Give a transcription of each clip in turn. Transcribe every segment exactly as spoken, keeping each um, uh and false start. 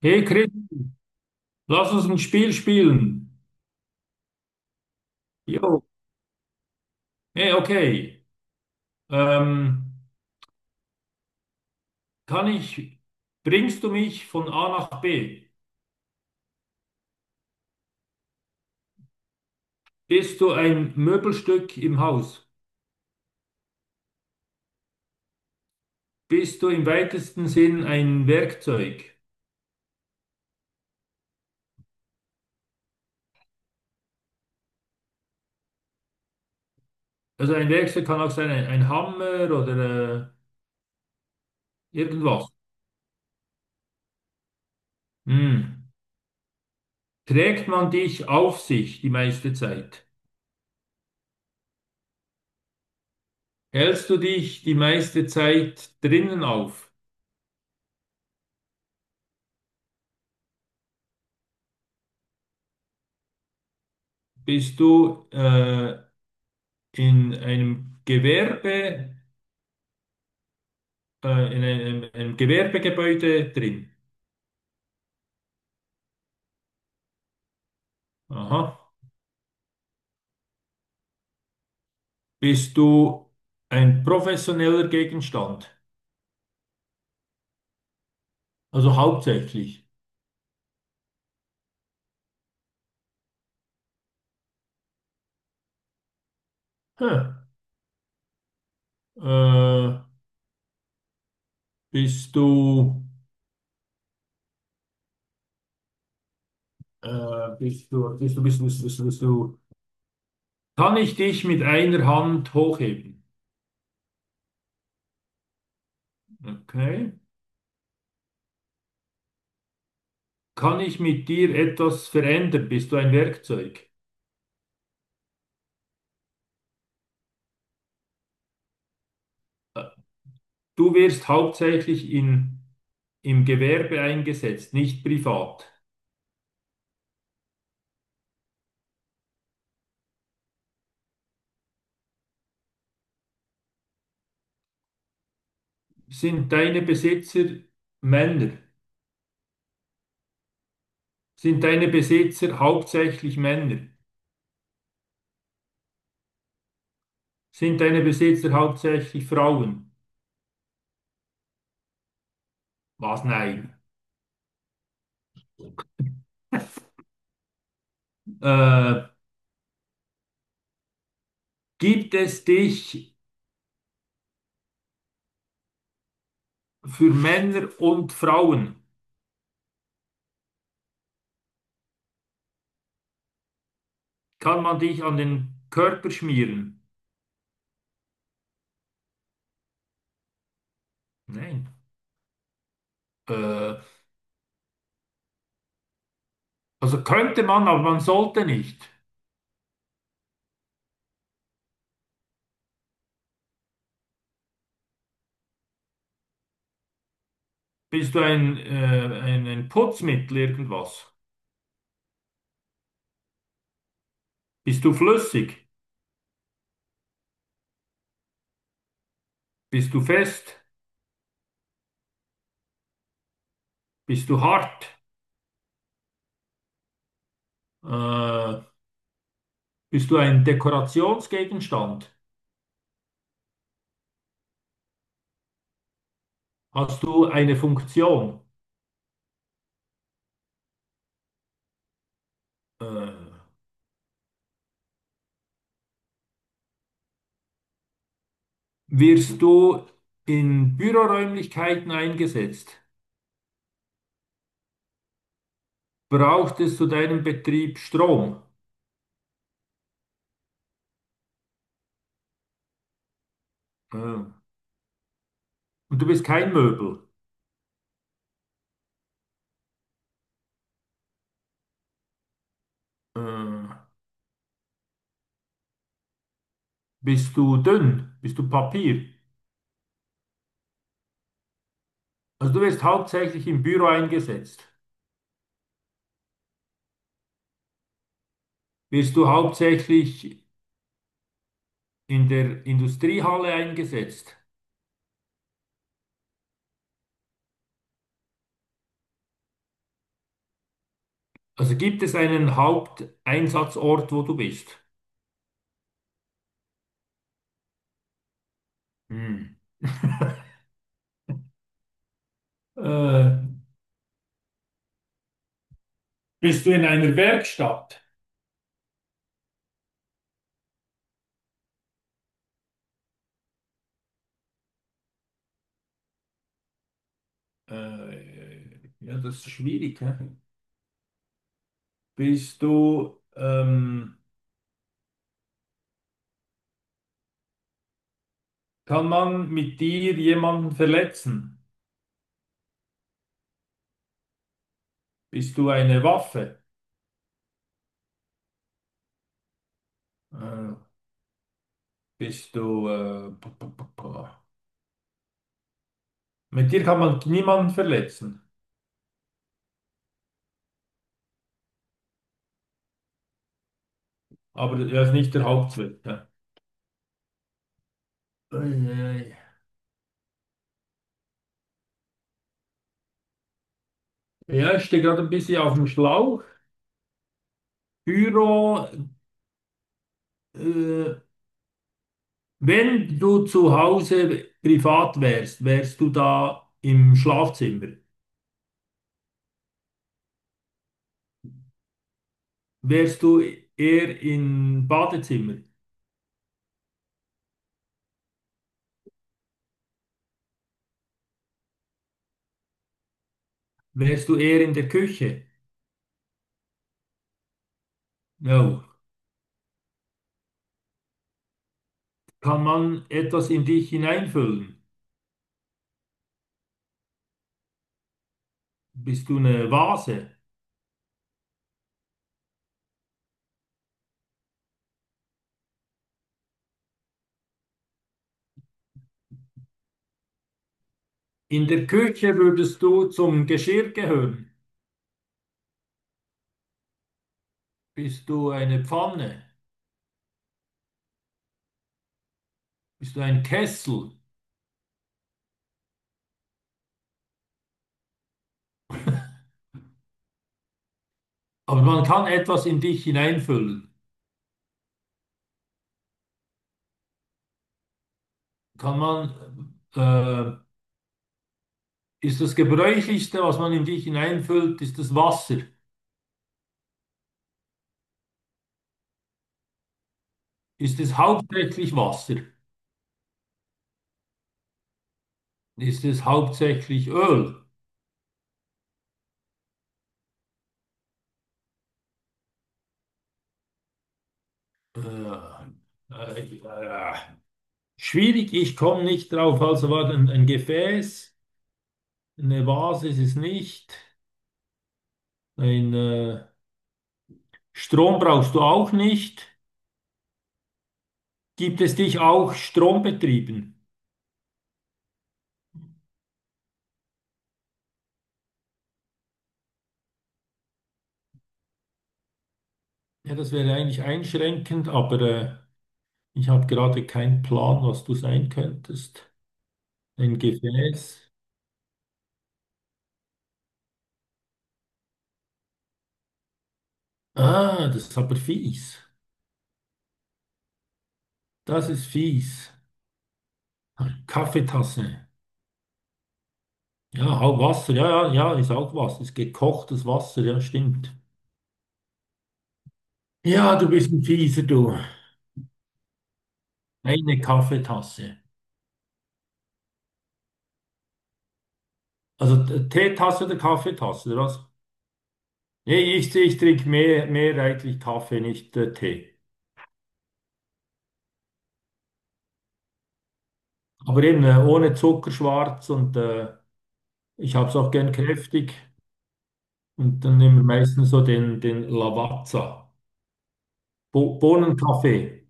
Hey Chris, lass uns ein Spiel spielen. Jo. Hey, okay. Ähm, kann ich, bringst du mich von A nach B? Bist du ein Möbelstück im Haus? Bist du im weitesten Sinn ein Werkzeug? Also ein Werkzeug kann auch sein, ein, ein Hammer oder äh, irgendwas. Hm. Trägt man dich auf sich die meiste Zeit? Hältst du dich die meiste Zeit drinnen auf? Bist du äh, in einem Gewerbe, äh, in einem, einem Gewerbegebäude drin. Aha. Bist du ein professioneller Gegenstand? Also hauptsächlich. Hm. Äh, bist du, äh, bist du, bist du, bist du, bist du, bist du, bist du. Kann ich dich mit einer Hand hochheben? Okay. Kann ich mit dir etwas verändern? Bist du ein Werkzeug? Äh, Du wirst hauptsächlich in, im Gewerbe eingesetzt, nicht privat. Sind deine Besitzer Männer? Sind deine Besitzer hauptsächlich Männer? Sind deine Besitzer hauptsächlich Frauen? Was? Nein. Äh, gibt es dich für Männer und Frauen? Kann man dich an den Körper schmieren? Nein. Äh, also könnte man, aber man sollte nicht. Bist du ein, äh, ein, ein Putzmittel irgendwas? Bist du flüssig? Bist du fest? Bist du hart? Äh, Bist du ein Dekorationsgegenstand? Hast du eine Funktion? Äh, wirst du in Büroräumlichkeiten eingesetzt? Braucht es zu deinem Betrieb Strom? Äh, und du bist kein Möbel? Äh, bist du dünn? Bist du Papier? Also du wirst hauptsächlich im Büro eingesetzt. Wirst du hauptsächlich in der Industriehalle eingesetzt? Also gibt es einen Haupteinsatzort, wo du bist? Hm. Äh, Bist du in einer Werkstatt? Äh, ja, das ist schwierig. Hä? Bist du, ähm, kann man mit dir jemanden verletzen? Bist du eine Waffe? Äh, bist du, äh, p- p- p- p- mit dir kann man niemanden verletzen, aber das ist nicht der Hauptzweck. Ja, eieiei. Ja, ich stehe gerade ein bisschen auf dem Schlauch. Pyro, äh, wenn du zu Hause privat wärst, wärst du da im Schlafzimmer? Wärst du eher im Badezimmer? Wärst du eher in der Küche? No. Kann man etwas in dich hineinfüllen? Bist du eine Vase? In der Küche würdest du zum Geschirr gehören. Bist du eine Pfanne? Bist du ein Kessel? Aber man kann etwas in dich hineinfüllen. Kann man, äh, ist das Gebräuchlichste, was man in dich hineinfüllt, ist das Wasser? Ist es hauptsächlich Wasser? Ist es hauptsächlich Öl? Äh, äh, äh, schwierig, ich komme nicht drauf. Also war ein, ein Gefäß, eine Vase ist es nicht, ein äh, Strom brauchst du auch nicht. Gibt es dich auch strombetrieben? Ja, das wäre eigentlich einschränkend, aber äh, ich habe gerade keinen Plan, was du sein könntest. Ein Gefäß. Ah, das ist aber fies. Das ist fies. Kaffeetasse. Ja, auch Wasser, ja, ja, ja, ist auch Wasser. Ist gekochtes Wasser, ja, stimmt. Ja, du bist ein Fieser, du. Eine Kaffeetasse. Also t- Teetasse oder Kaffeetasse, oder was? Nee, ich, ich trinke mehr, mehrheitlich Kaffee, nicht äh, Tee. Aber eben äh, ohne Zucker schwarz und äh, ich habe es auch gern kräftig. Und dann nehmen wir meistens so den, den Lavazza. Bo Bohnenkaffee.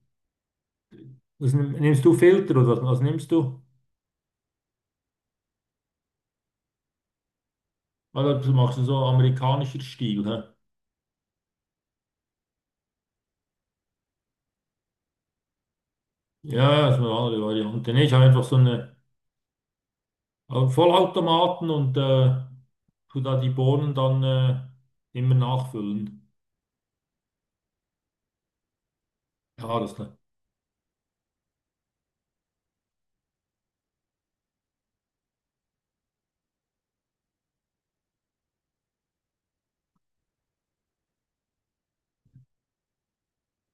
Das nimm, nimmst du Filter oder was, was nimmst du? Weil das machst du so amerikanischer Stil, hä? Ja, das ist eine andere Variante. Nee, ich habe einfach so eine Au- Vollautomaten und äh, tu da die Bohnen dann äh, immer nachfüllen. Ja, das klar.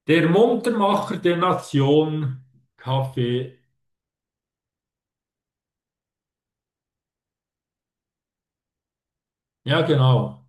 Der Muntermacher der Nation, Kaffee. Ja, genau.